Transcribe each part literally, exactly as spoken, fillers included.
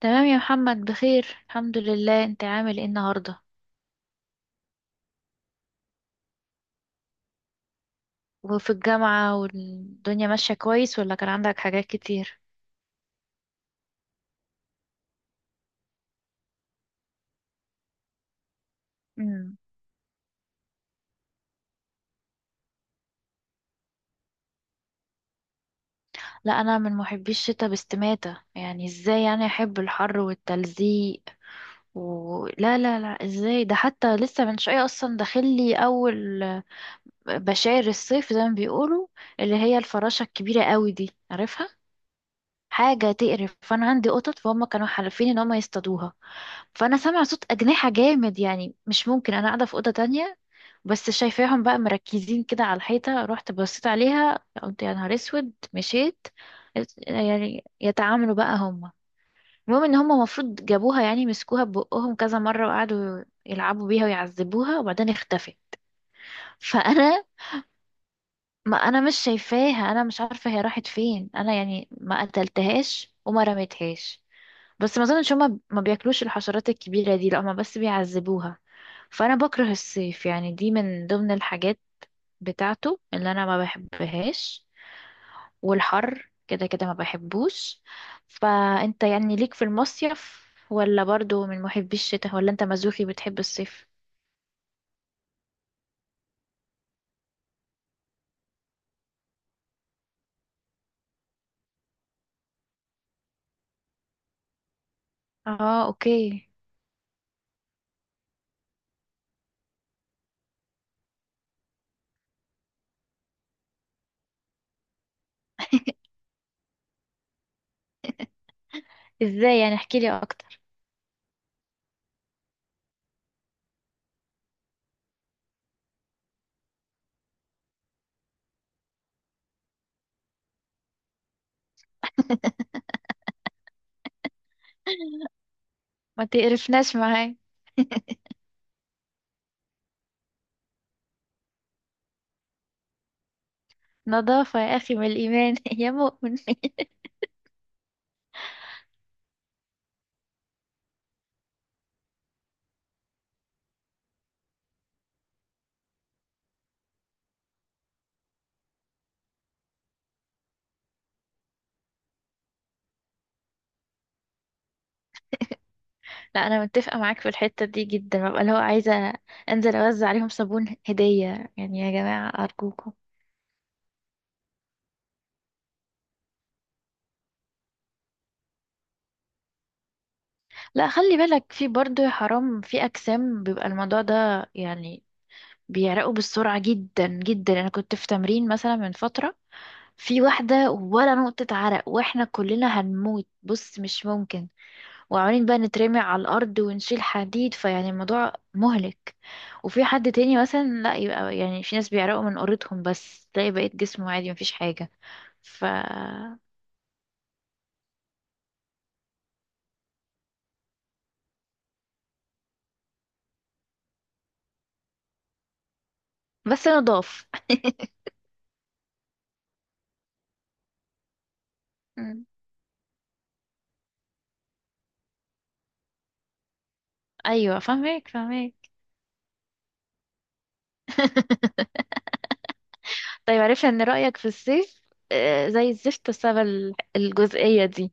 تمام يا محمد، بخير الحمد لله. انت عامل ايه النهارده وفي الجامعة والدنيا ماشية كويس، ولا كان عندك حاجات كتير؟ مم. لا، انا من محبي الشتاء باستماتة، يعني ازاي يعني احب الحر والتلزيق و... لا لا لا، ازاي ده؟ حتى لسه من شوية اصلا داخلي اول بشاير الصيف زي ما بيقولوا، اللي هي الفراشة الكبيرة قوي دي، عارفها؟ حاجة تقرف. فانا عندي قطط، فهم كانوا حالفين ان هم يصطادوها. فانا سامعه صوت اجنحه جامد، يعني مش ممكن، انا قاعده في اوضه تانية، بس شايفاهم بقى مركزين كده على الحيطه. رحت بصيت عليها، قلت يا نهار اسود، مشيت يعني يتعاملوا بقى هم. المهم ان هم المفروض جابوها، يعني مسكوها ببقهم كذا مره وقعدوا يلعبوا بيها ويعذبوها، وبعدين اختفت. فانا ما انا مش شايفاها، انا مش عارفه هي راحت فين، انا يعني ما قتلتهاش وما رميتهاش، بس ما اظنش هما ما بياكلوش الحشرات الكبيره دي، لا هما بس بيعذبوها. فانا بكره الصيف، يعني دي من ضمن الحاجات بتاعته اللي انا ما بحبهاش، والحر كده كده ما بحبوش. فانت يعني ليك في المصيف، ولا برضو من محبي الشتاء، ولا انت مزوخي بتحب الصيف؟ اه، اوكي. ازاي يعني؟ احكيلي اكتر. ما تقرفناش معاك. نظافة يا أخي من الإيمان يا مؤمن. لا، أنا متفقة معاك في الحتة دي جدا، ببقى اللي هو عايزة أنزل أوزع عليهم صابون هدية، يعني يا جماعة أرجوكم. لا، خلي بالك، في برضه يا حرام في أجسام بيبقى الموضوع ده يعني بيعرقوا بالسرعة جدا جدا. أنا كنت في تمرين مثلا من فترة، في واحدة ولا نقطة عرق، وإحنا كلنا هنموت، بص مش ممكن. وعمالين بقى نترمي على الأرض ونشيل حديد، فيعني الموضوع مهلك. وفي حد تاني مثلا لا، يبقى يعني في ناس بيعرقوا من قرتهم بس تلاقي بقية جسمه عادي مفيش حاجة. ف بس نضاف. مم. أيوة فاهمك فاهمك. طيب، عرفنا إن رأيك في الصيف آه، زي الزفت بسبب ال- الجزئية دي.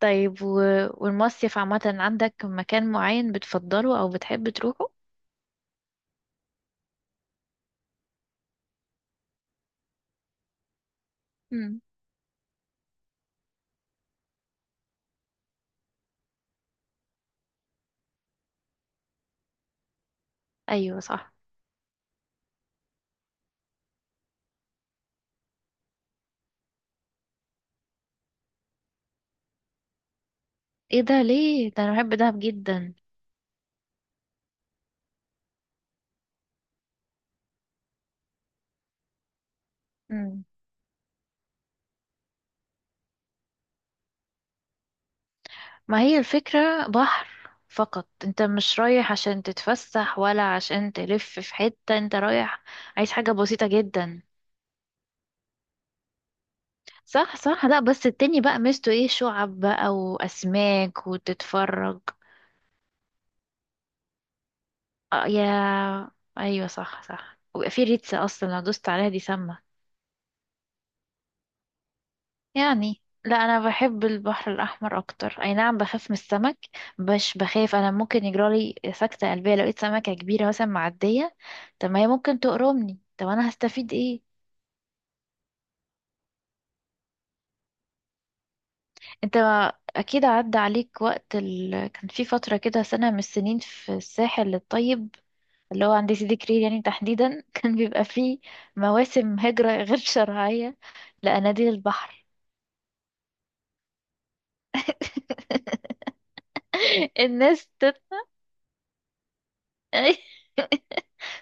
طيب و... والمصيف عامة عندك مكان معين بتفضله أو بتحب تروحه؟ مم. أيوة صح. ايه ده؟ ليه ده؟ أنا بحب دهب جدا. مم. ما هي الفكرة بحر فقط، انت مش رايح عشان تتفسح ولا عشان تلف في حتة، انت رايح عايز حاجة بسيطة جدا. صح صح، لا بس التاني بقى ميزته ايه؟ شعب بقى واسماك وتتفرج. آه يا، ايوه صح صح، ويبقى في ريتسة اصلا لو دوست عليها دي سامة يعني. لا انا بحب البحر الاحمر اكتر، اي نعم بخاف من السمك، مش بخاف، انا ممكن يجرالي سكتة قلبية لو لقيت سمكة كبيرة مثلا معدية. طب ما هي ممكن تقرمني، طب انا هستفيد ايه؟ انت اكيد عدى عليك وقت ال... كان في فترة كده سنة من السنين في الساحل الطيب، اللي هو عند سيدي كرير يعني تحديدا. كان بيبقى فيه مواسم هجرة غير شرعية لأناديل البحر. الناس تت...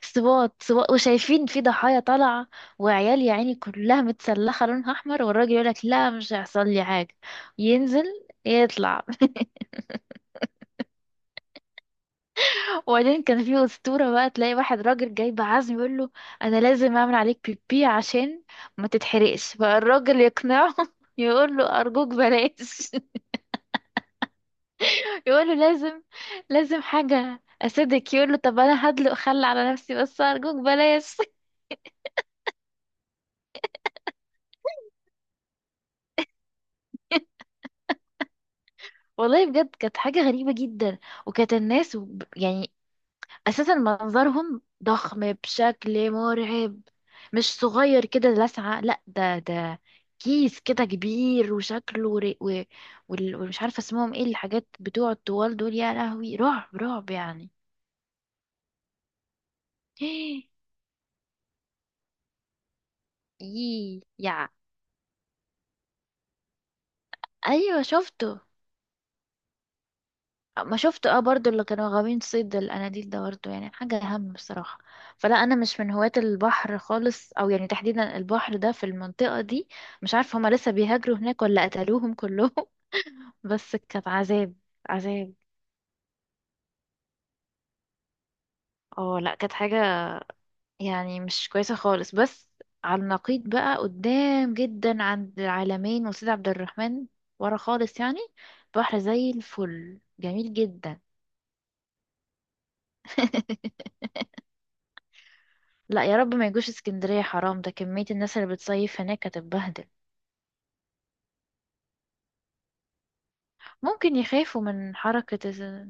صوات صوات وشايفين في ضحايا طالعة، وعيال يا عيني كلها متسلخة لونها أحمر، والراجل يقولك لا مش هيحصل لي حاجة، ينزل يطلع. وبعدين كان في أسطورة بقى، تلاقي واحد راجل جايب عزم يقول له أنا لازم أعمل عليك بيبي عشان ما تتحرقش. فالراجل يقنعه يقول له أرجوك بلاش. يقول له لازم، لازم حاجة أسيدك. يقول له طب أنا هدلق خل على نفسي بس أرجوك بلاش. والله بجد كانت حاجة غريبة جدا. وكانت الناس وب- يعني اساسا منظرهم ضخم بشكل مرعب، مش صغير كده لسعة، لا ده ده كيس كده كبير، وشكله ري... و... وال... ومش عارفة اسمهم ايه الحاجات بتوع الطوال دول، يا لهوي رعب رعب يعني. يي يا، ايوه شفته، ما شفته اه، برضو اللي كانوا غاويين صيد الاناديل ده، برضو يعني حاجة اهم بصراحة. فلا انا مش من هواة البحر خالص، او يعني تحديدا البحر ده في المنطقة دي. مش عارفة هما لسه بيهاجروا هناك ولا قتلوهم كلهم. بس كانت عذاب. عذاب، اه، لا كانت حاجة يعني مش كويسة خالص. بس على النقيض بقى قدام جدا عند العلمين وسيد عبد الرحمن، ورا خالص يعني، بحر زي الفل جميل جدا. لا يا رب ما يجوش اسكندرية حرام، ده كمية الناس اللي بتصيف هناك هتتبهدل. ممكن يخافوا من حركة الز-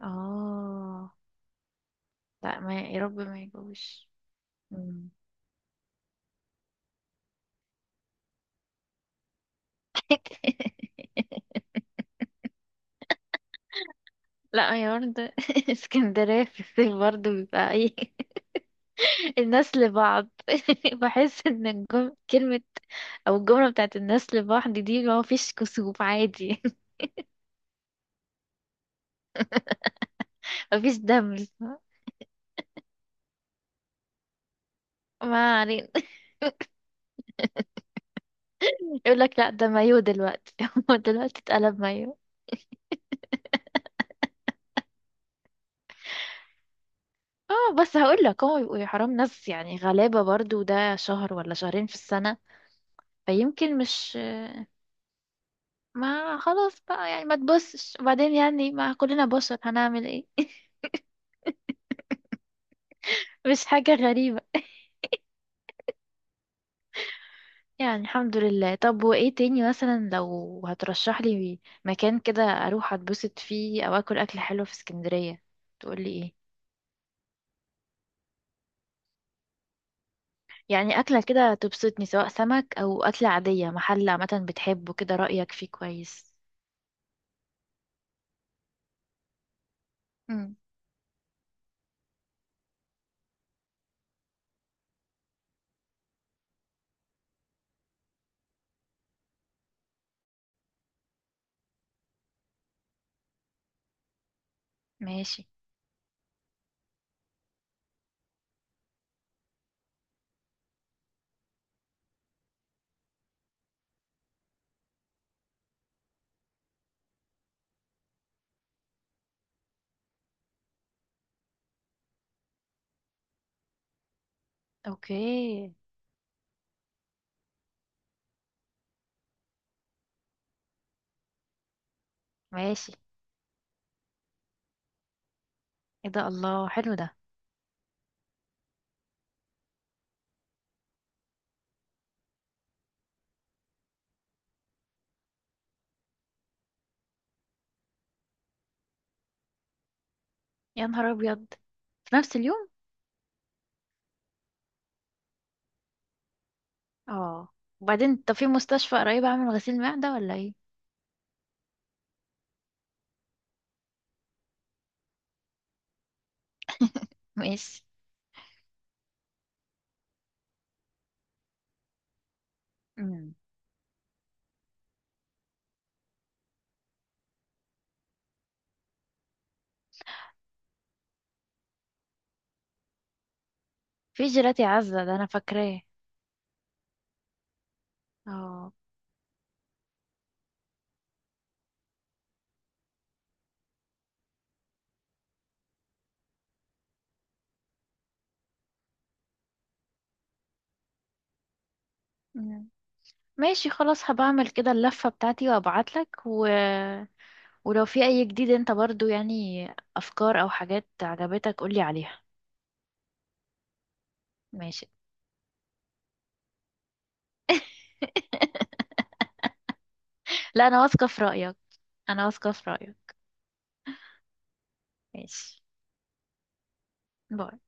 اه لا، ما يا رب ما يجوش. مم. لا هي برضه اسكندرية في الصيف برضه بيبقى ايه. الناس لبعض بحس ان الجم... كلمة او الجملة بتاعت الناس لبعض دي، ما فيش كسوف عادي. ما فيش دم. ما علينا. يقول لك لا ده مايو دلوقتي. هو دلوقتي اتقلب مايو؟ اه بس هقول لك، هو بيبقوا يا حرام ناس يعني غلابة برضه، ده شهر ولا شهرين في السنة، فيمكن مش. ما خلاص بقى يعني، ما تبصش، وبعدين يعني ما كلنا بشر هنعمل ايه. مش حاجة غريبة يعني، الحمد لله. طب وايه تاني مثلا لو هترشح لي مكان كده اروح اتبسط فيه، او اكل اكل حلو في اسكندرية، تقولي ايه؟ يعني اكلة كده تبسطني، سواء سمك او اكلة عادية، محل عامة بتحبه كده رأيك فيه كويس. امم، ماشي. اوكي، ماشي. ايه ده، الله حلو ده. يا نهار ابيض، في نفس اليوم؟ اه، وبعدين طب في مستشفى قريب اعمل غسيل معدة ولا ايه؟ ماشي. امم. في جيلاتي عزة، ده انا فاكراه. اه. ماشي خلاص، هبعمل كده اللفة بتاعتي وابعتلك و... ولو في اي جديد انت برضو يعني افكار او حاجات عجبتك قولي عليها. ماشي. لا انا واثقة في رأيك، انا واثقة في رأيك. ماشي، باي.